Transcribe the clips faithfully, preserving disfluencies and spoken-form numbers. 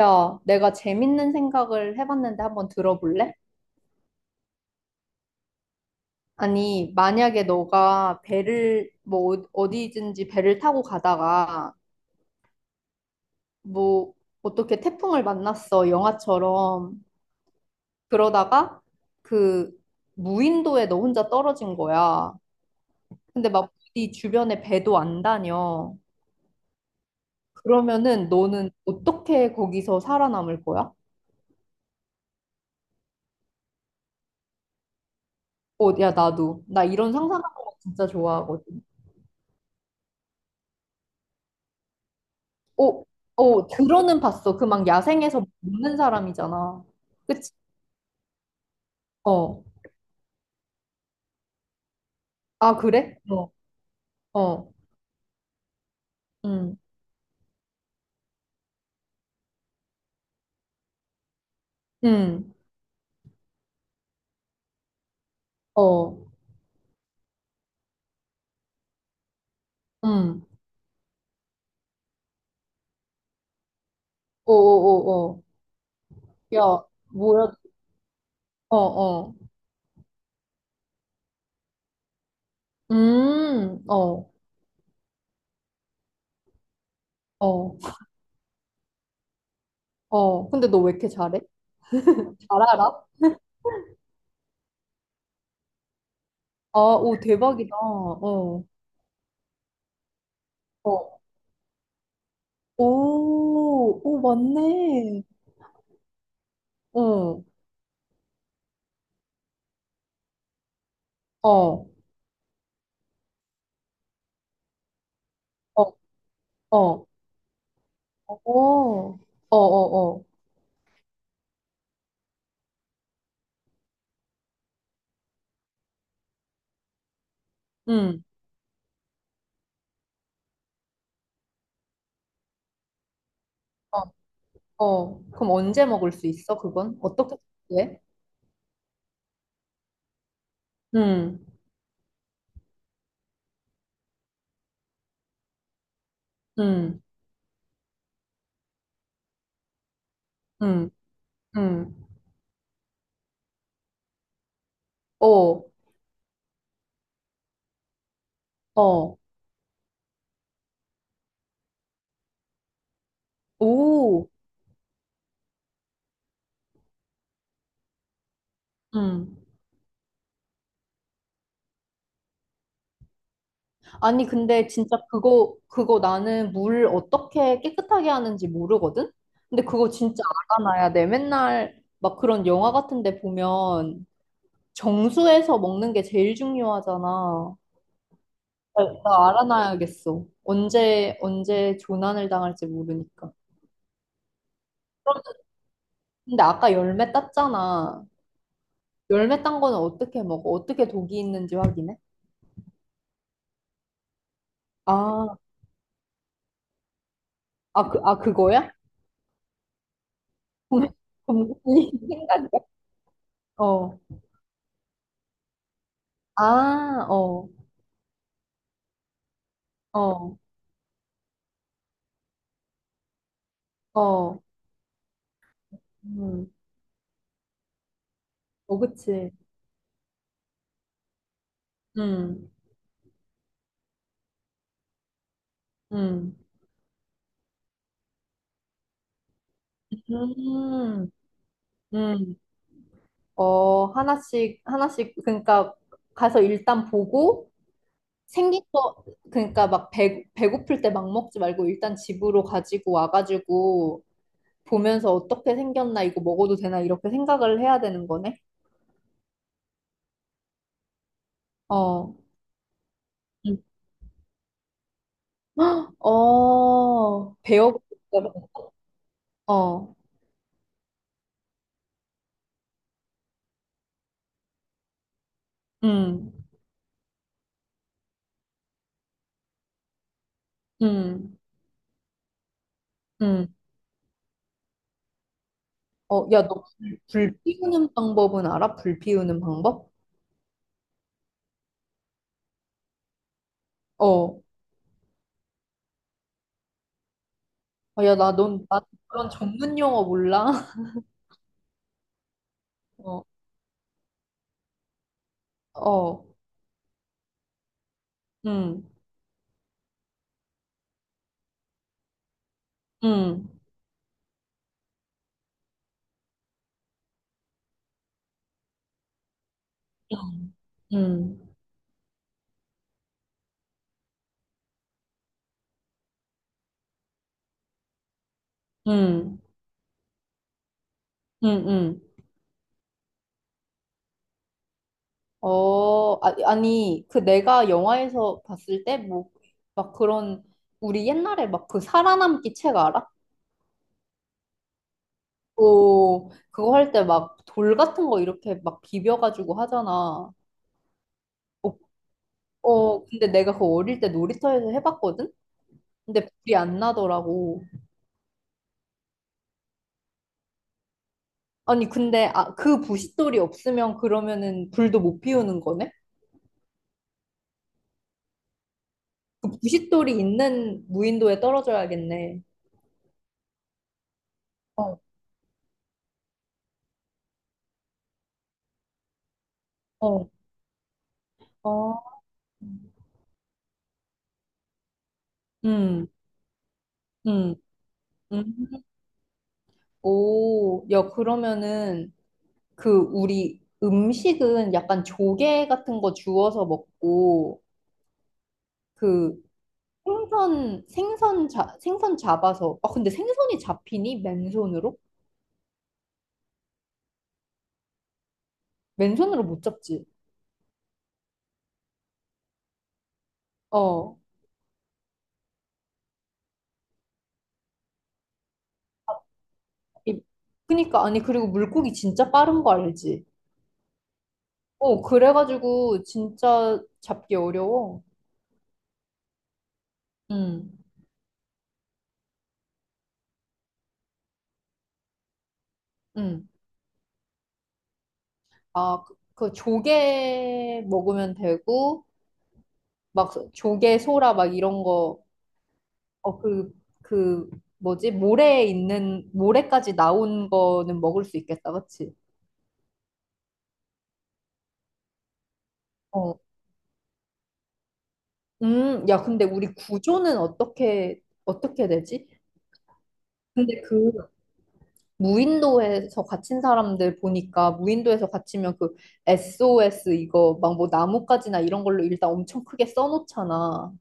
야, 내가 재밌는 생각을 해봤는데 한번 들어볼래? 아니, 만약에 너가 배를, 뭐, 어- 어디든지 배를 타고 가다가, 뭐, 어떻게 태풍을 만났어, 영화처럼. 그러다가, 그, 무인도에 너 혼자 떨어진 거야. 근데 막, 네 주변에 배도 안 다녀. 그러면은 너는 어떻게 거기서 살아남을 거야? 어, 야, 나도. 나 이런 상상하는 거 진짜 좋아하거든. 어, 어, 들어는 봤어. 그 막 야생에서 먹는 사람이잖아. 그치? 어. 아, 그래? 어, 어, 음, 음, 어, 음, 어, 어, 어, 어. 야, 뭐야? 어, 어, 음, 어, 어, 어. 근데 너 왜 이렇게 잘해? 잘 알아? 아, 오, 대박이다. 어, 어, 오, 오, 맞네. 응, 어, 어, 어, 어, 어, 어, 어, 응, 어, 음. 어, 그럼 언제 먹을 수 있어, 그건? 어떻게 해? 응. 응. 응. 응. 어, 어, 오, 응. 아니, 근데 진짜 그거, 그거 나는 물 어떻게 깨끗하게 하는지 모르거든? 근데 그거 진짜 알아놔야 돼. 맨날 막 그런 영화 같은 데 보면 정수해서 먹는 게 제일 중요하잖아. 나, 나 알아놔야겠어. 언제, 언제 조난을 당할지 모르니까. 그럼. 근데 아까 열매 땄잖아. 열매 딴 거는 어떻게 먹어? 어떻게 독이 있는지 확인해? 아, 아, 그, 아, 그거야? 검- 이 생각이야? 어. 아, 어, 어, 어. 음, 어, 그치. 음, 음, 음, 음. 어, 하나씩, 하나씩, 그러니까 가서 일단 보고 생긴 거, 그러니까 막 배, 배고플 때 막 먹지 말고 일단 집으로 가지고 와가지고 보면서 어떻게 생겼나, 이거 먹어도 되나, 이렇게 생각을 해야 되는 거네? 어, 응. 어, 배워보고 싶다. 어, 음, 음, 음. 어, 야, 너 불, 불 피우는 방법은 알아? 불 피우는 방법? 어, 어, 야, 나, 넌, 나 그런 전문 용어 몰라. 어, 어, 음, 음, 음, 음, 음, 음. 어, 아, 아니, 그 내가 영화에서 봤을 때, 뭐, 막 그런, 우리 옛날에 막 그 살아남기 책 알아? 오, 그거 할 때 막 돌 같은 거 이렇게 막 비벼가지고 하잖아. 어, 어, 근데 내가 그거 어릴 때 놀이터에서 해봤거든? 근데 불이 안 나더라고. 아니, 근데 아, 그 부싯돌이 없으면 그러면은 불도 못 피우는 거네? 그 부싯돌이 있는 무인도에 떨어져야겠네. 어, 어, 어. 음, 음, 음. 오, 야, 그러면은 그 우리 음식은 약간 조개 같은 거 주워서 먹고 그 생선 생선 자, 생선 잡아서, 아 근데 생선이 잡히니 맨손으로? 맨손으로 못 잡지. 어. 이- 그니까 아니 그리고 물고기 진짜 빠른 거 알지? 어, 그래가지고 진짜 잡기 어려워. 응. 응. 아, 그, 그 조개 먹으면 되고 막 조개 소라 막 이런 거. 어, 그 그 뭐지? 모래에 있는 모래까지 나온 거는 먹을 수 있겠다. 그치? 어. 음, 야, 근데 우리 구조는 어떻게, 어떻게, 되지? 근데 그 무인도에서 갇힌 사람들 보니까 무인도에서 갇히면 그 에스오에스 이거 막 뭐 나뭇가지나 이런 걸로 일단 엄청 크게 써놓잖아.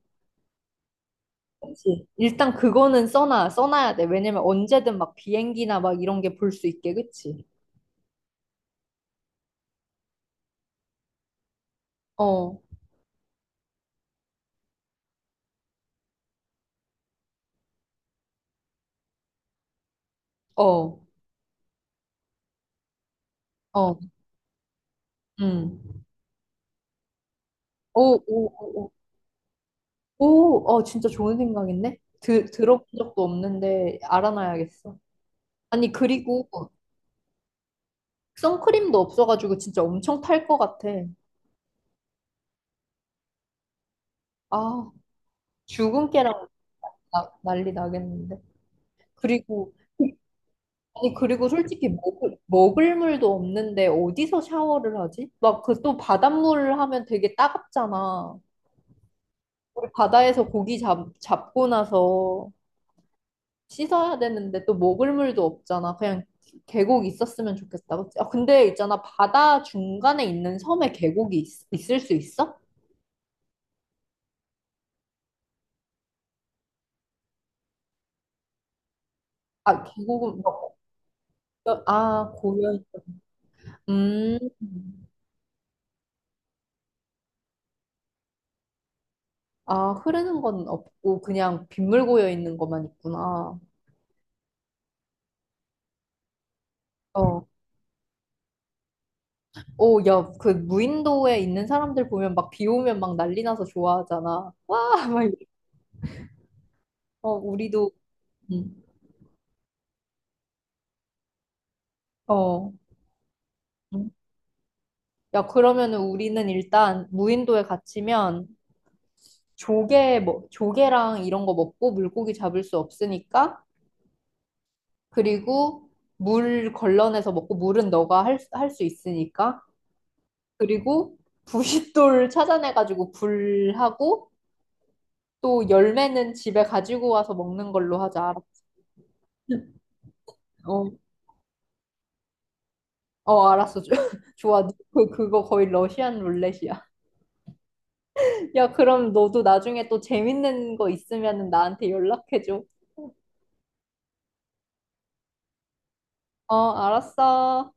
그치? 일단 그거는 써놔, 써놔야 돼. 왜냐면 언제든 막 비행기나 막 이런 게 볼 수 있게, 그치? 어, 어, 어, 음. 오, 오, 오, 오, 오, 어, 진짜 좋은 생각인데? 드, 들어본 적도 없는데 알아놔야겠어. 아니, 그리고 선크림도 없어가지고 진짜 엄청 탈 것 같아. 아, 주근깨랑 나- 난리 나겠는데. 그리고, 아니, 그리고 솔직히 먹을, 먹을 물도 없는데 어디서 샤워를 하지? 막 그 또 바닷물 하면 되게 따갑잖아. 우리 바다에서 고기 잡, 잡고 나서 씻어야 되는데 또 먹을 물도 없잖아. 그냥 계곡 있었으면 좋겠다. 그치? 아, 근데 있잖아. 바다 중간에 있는 섬에 계곡이 있, 을수 있어? 아, 계곡은, 뭐- 아, 고여 음. 아, 흐르는 건 없고 그냥 빗물 고여 있는 것만 있구나. 어. 오, 야, 그 무인도에 있는 사람들 보면 막 비 오면 막 난리 나서 좋아하잖아. 와, 막 이래. 어, 우리도. 음. 어. 음. 야, 그러면은 우리는 일단 무인도에 갇히면 조개 뭐 조개랑 이런 거 먹고 물고기 잡을 수 없으니까, 그리고 물 걸러내서 먹고 물은 너가 할, 할 수 있으니까, 그리고 부싯돌 찾아내가지고 불하고, 또 열매는 집에 가지고 와서 먹는 걸로 하자. 어, 어, 알았어. 좋아. 그, 그거 거의 러시안 룰렛이야. 야, 그럼 너도 나중에 또 재밌는 거 있으면 나한테 연락해줘. 어, 알았어.